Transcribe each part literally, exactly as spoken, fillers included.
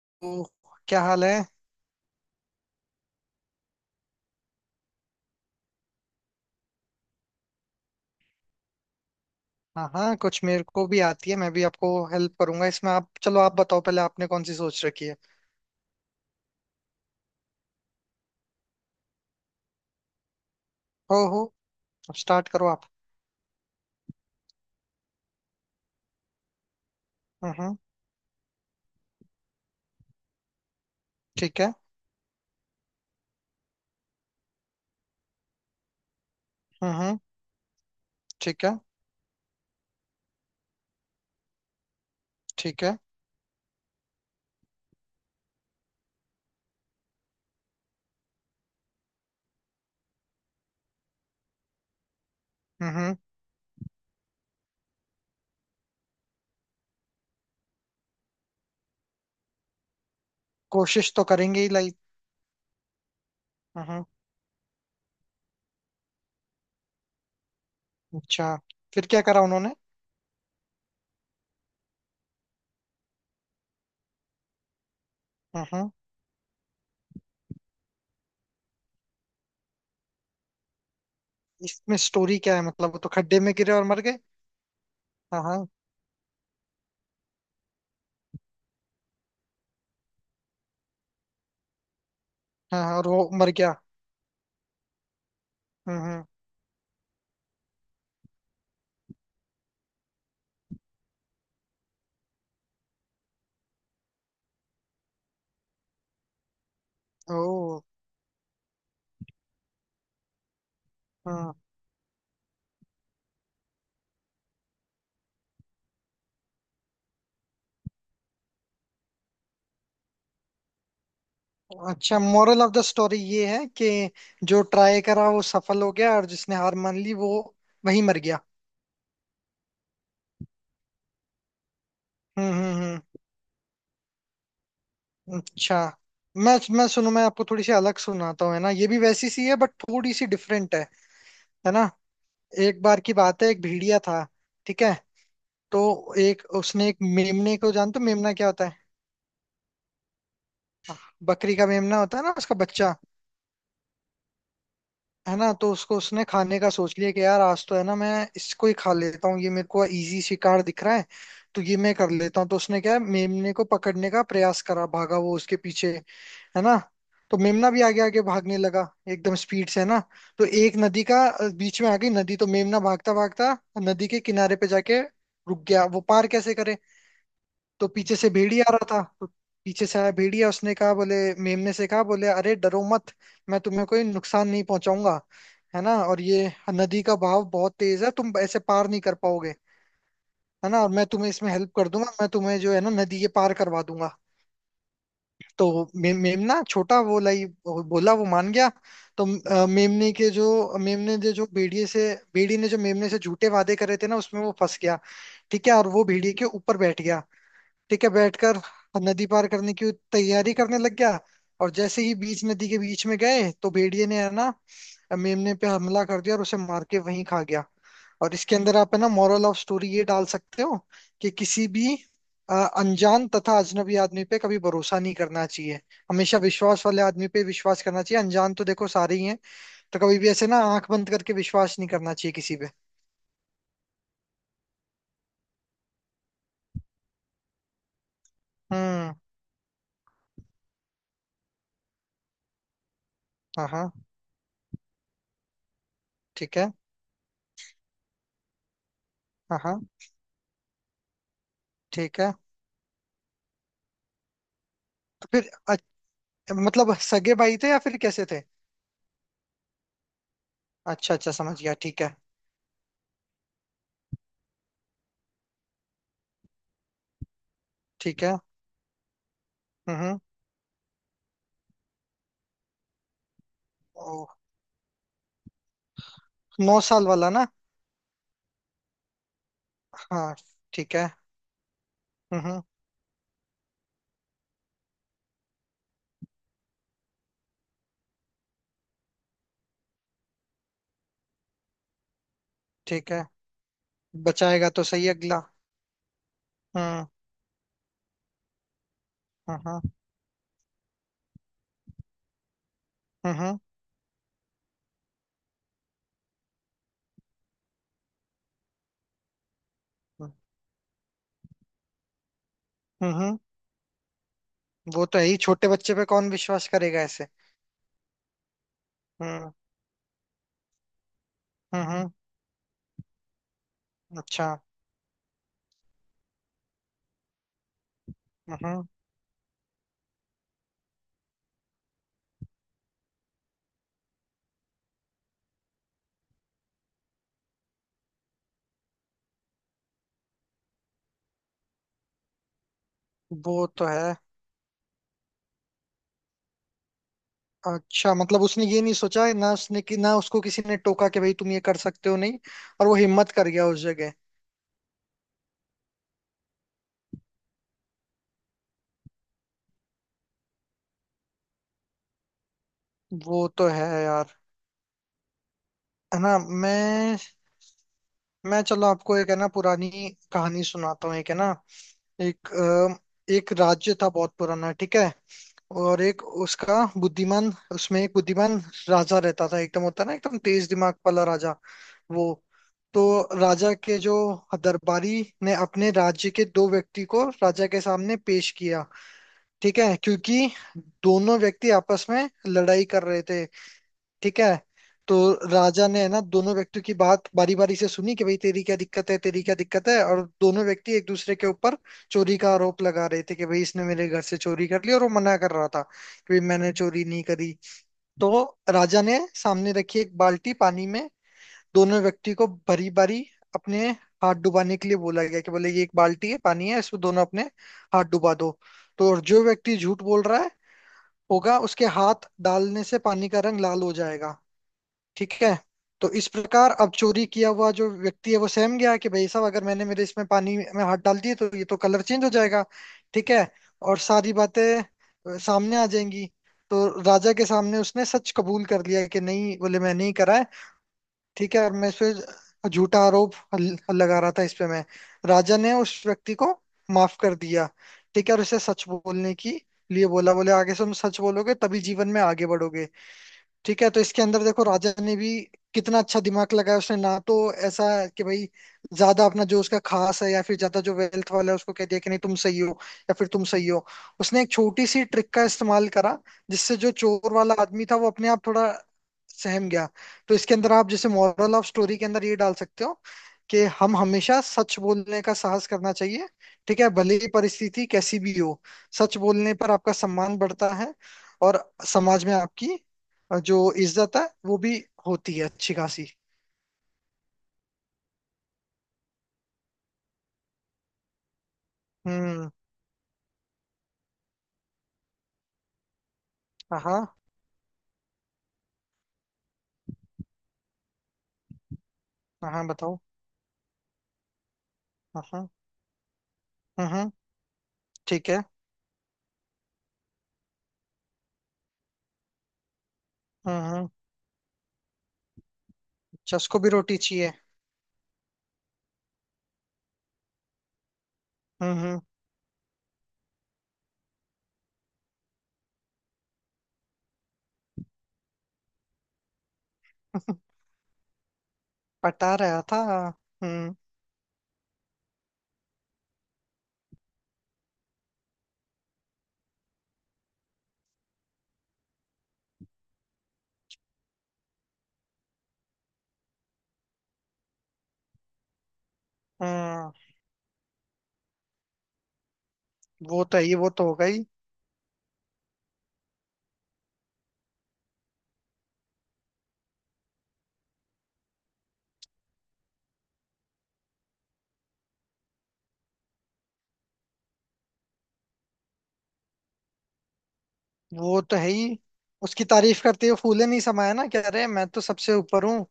तो क्या हाल है। हाँ हाँ, कुछ मेरे को भी आती है, मैं भी आपको हेल्प करूंगा इसमें। आप चलो, आप बताओ पहले आपने कौन सी सोच रखी है। हो हो। अब स्टार्ट करो आप। हम्म हम्म। ठीक है। हम्म हम्म। ठीक है। ठीक है। हम्म हम्म। कोशिश तो करेंगे ही लाइक। हम्म हम्म। अच्छा, फिर क्या करा उन्होंने। हम्म हम्म। इसमें स्टोरी क्या है, मतलब वो तो खड्डे में गिरे और मर गए। हाँ हाँ। हाँ हाँ, और वो मर गया। हम्म हम्म। ओ, अच्छा मोरल ऑफ द स्टोरी ये है कि जो ट्राई करा वो सफल हो गया, और जिसने हार मान ली वो वहीं मर गया। हम्म हम्म। हम्म, अच्छा। मैं मैं सुनू, मैं आपको थोड़ी सी अलग सुनाता हूँ है ना। ये भी वैसी सी है बट थोड़ी सी डिफरेंट है है ना। एक बार की बात है, एक भेड़िया था। ठीक है। तो एक उसने एक मेमने को, जानते हो मेमना क्या होता है। बकरी का मेमना होता है ना, उसका बच्चा। है ना, तो उसको उसने खाने का सोच लिया कि यार आज तो है ना, मैं इसको ही खा लेता हूँ, ये मेरे को इजी शिकार दिख रहा है। तो ये मैं कर लेता हूँ। तो उसने क्या है, मेमने को पकड़ने का प्रयास करा, भागा वो उसके पीछे, है ना। तो मेमना भी आगे आगे भागने लगा एकदम स्पीड से, है ना। तो एक नदी का अ, बीच में आ गई नदी। तो मेमना भागता भागता नदी के किनारे पे जाके रुक गया, वो पार कैसे करे। तो पीछे से भेड़िया आ रहा था। तो पीछे से आया भेड़िया, उसने कहा, बोले, मेमने से कहा, बोले अरे डरो मत, मैं तुम्हें कोई नुकसान नहीं पहुंचाऊंगा। है ना, और ये नदी का बहाव बहुत तेज है, तुम ऐसे पार नहीं कर पाओगे। है ना, और मैं तुम्हें इसमें हेल्प कर दूंगा, मैं तुम्हें जो है ना नदी ये पार करवा दूंगा। तो मे, मेमना छोटा, वो लाई, वो बोला, वो मान गया। तो अ, मेमने के जो, मेमने ने जो भेड़िए से, भेड़ी ने जो मेमने से झूठे वादे करे थे ना, उसमें वो फंस गया। ठीक है, और वो भेड़िए के ऊपर बैठ गया। ठीक है, बैठकर नदी पार करने की तैयारी करने लग गया। और जैसे ही बीच नदी के बीच में गए तो भेड़िए ने है ना मेमने पे हमला कर दिया और उसे मार के वहीं खा गया। और इसके अंदर आप है ना मॉरल ऑफ स्टोरी ये डाल सकते हो कि किसी भी अ, अनजान तथा अजनबी आदमी पे कभी भरोसा नहीं करना चाहिए। हमेशा विश्वास वाले आदमी पे विश्वास करना चाहिए, अनजान तो देखो सारे ही हैं। तो कभी भी ऐसे ना आंख बंद करके विश्वास नहीं करना चाहिए किसी पे। हम्म। हाँ हाँ। ठीक है। हाँ हाँ। ठीक है। तो फिर मतलब सगे भाई थे या फिर कैसे थे। अच्छा अच्छा, समझ गया, ठीक है। ठीक है। हम्म। ओ, नौ साल वाला ना। हाँ। ठीक है। हम्म। ठीक है। बचाएगा तो सही अगला। हम्म। हम्म। हम्म हम्म। वो तो है ही, छोटे बच्चे पे कौन विश्वास करेगा ऐसे। हम्म हम्म, अच्छा। हम्म। वो तो है। अच्छा, मतलब उसने ये नहीं सोचा, है ना उसने, कि ना उसको किसी ने टोका कि भाई तुम ये कर सकते हो नहीं, और वो हिम्मत कर गया उस जगह। वो तो है यार। है ना। मैं मैं चलो आपको एक है ना पुरानी कहानी सुनाता हूँ, एक है ना। एक अ, एक राज्य था बहुत पुराना, ठीक है। और एक उसका बुद्धिमान, उसमें एक बुद्धिमान राजा रहता था, एकदम होता है ना एकदम तेज दिमाग वाला राजा। वो, तो राजा के जो दरबारी ने अपने राज्य के दो व्यक्ति को राजा के सामने पेश किया। ठीक है, क्योंकि दोनों व्यक्ति आपस में लड़ाई कर रहे थे। ठीक है। तो राजा ने है ना दोनों व्यक्तियों की बात बारी बारी से सुनी कि भाई तेरी क्या दिक्कत है, तेरी क्या दिक्कत है। और दोनों व्यक्ति एक दूसरे के ऊपर चोरी का आरोप लगा रहे थे कि भाई इसने मेरे घर से चोरी कर ली, और वो मना कर रहा था कि भाई मैंने चोरी नहीं करी। तो राजा ने सामने रखी एक बाल्टी पानी में दोनों व्यक्ति को बारी बारी अपने हाथ डुबाने के लिए बोला गया कि बोले ये एक बाल्टी है, पानी है, इसमें दोनों अपने हाथ डुबा दो। तो और जो व्यक्ति झूठ बोल रहा है होगा उसके हाथ डालने से पानी का रंग लाल हो जाएगा, ठीक है। तो इस प्रकार अब चोरी किया हुआ जो व्यक्ति है वो सहम गया कि भाई साहब अगर मैंने मेरे इसमें पानी में हाथ डाल दिए तो ये तो कलर चेंज हो जाएगा। ठीक है, और सारी बातें अ, सामने आ जाएंगी। तो राजा के सामने उसने सच कबूल कर लिया कि नहीं, बोले मैं नहीं करा है। ठीक है, और मैं इस पे झूठा आरोप हल- लगा रहा था इस पे मैं। राजा ने उस व्यक्ति को माफ कर दिया, ठीक है। और उसे सच बोलने की लिए बोला, बोले आगे से तुम सच बोलोगे तभी जीवन में आगे बढ़ोगे। ठीक है, तो इसके अंदर देखो राजा ने भी कितना अच्छा दिमाग लगाया उसने ना। तो ऐसा कि भाई ज्यादा अपना जो उसका खास है या फिर ज्यादा जो वेल्थ वाला है उसको कह दिया कि नहीं तुम सही हो, या फिर तुम सही हो। उसने एक छोटी सी ट्रिक का इस्तेमाल करा, जिससे जो चोर वाला आदमी था वो अपने आप थोड़ा सहम गया। तो इसके अंदर आप जैसे मॉरल ऑफ स्टोरी के अंदर ये डाल सकते हो कि हम हमेशा सच बोलने का साहस करना चाहिए। ठीक है, भले ही परिस्थिति कैसी भी हो। सच बोलने पर आपका सम्मान बढ़ता है, और समाज में आपकी, और जो इज्जत है वो भी होती है, अच्छी खासी। हम्म। हाँ, हाँ बताओ। हाँ। हम्म। ठीक है। हम्म। चस्को भी रोटी चाहिए। हम्म। पटा रहा था। हम्म। हम्म। वो तो है ही, वो तो हो गई। वो तो है ही, उसकी तारीफ करते हुए फूले नहीं समाया ना, कह रहे मैं तो सबसे ऊपर हूँ।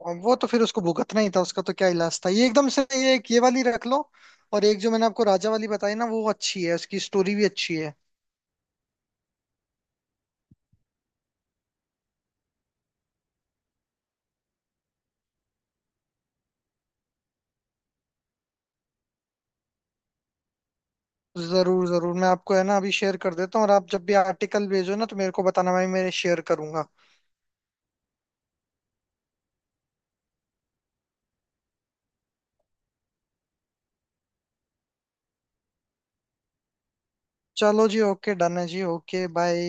और वो तो फिर उसको भुगतना ही था, उसका तो क्या इलाज था। ये एकदम से ये एक ये वाली रख लो, और एक जो मैंने आपको राजा वाली बताई ना वो अच्छी है, उसकी स्टोरी भी अच्छी है। जरूर जरूर, मैं आपको है ना अभी शेयर कर देता हूँ, और आप जब भी आर्टिकल भेजो ना तो मेरे को बताना, मैं मैं शेयर करूंगा। चलो जी, ओके डन है जी, ओके, बाय।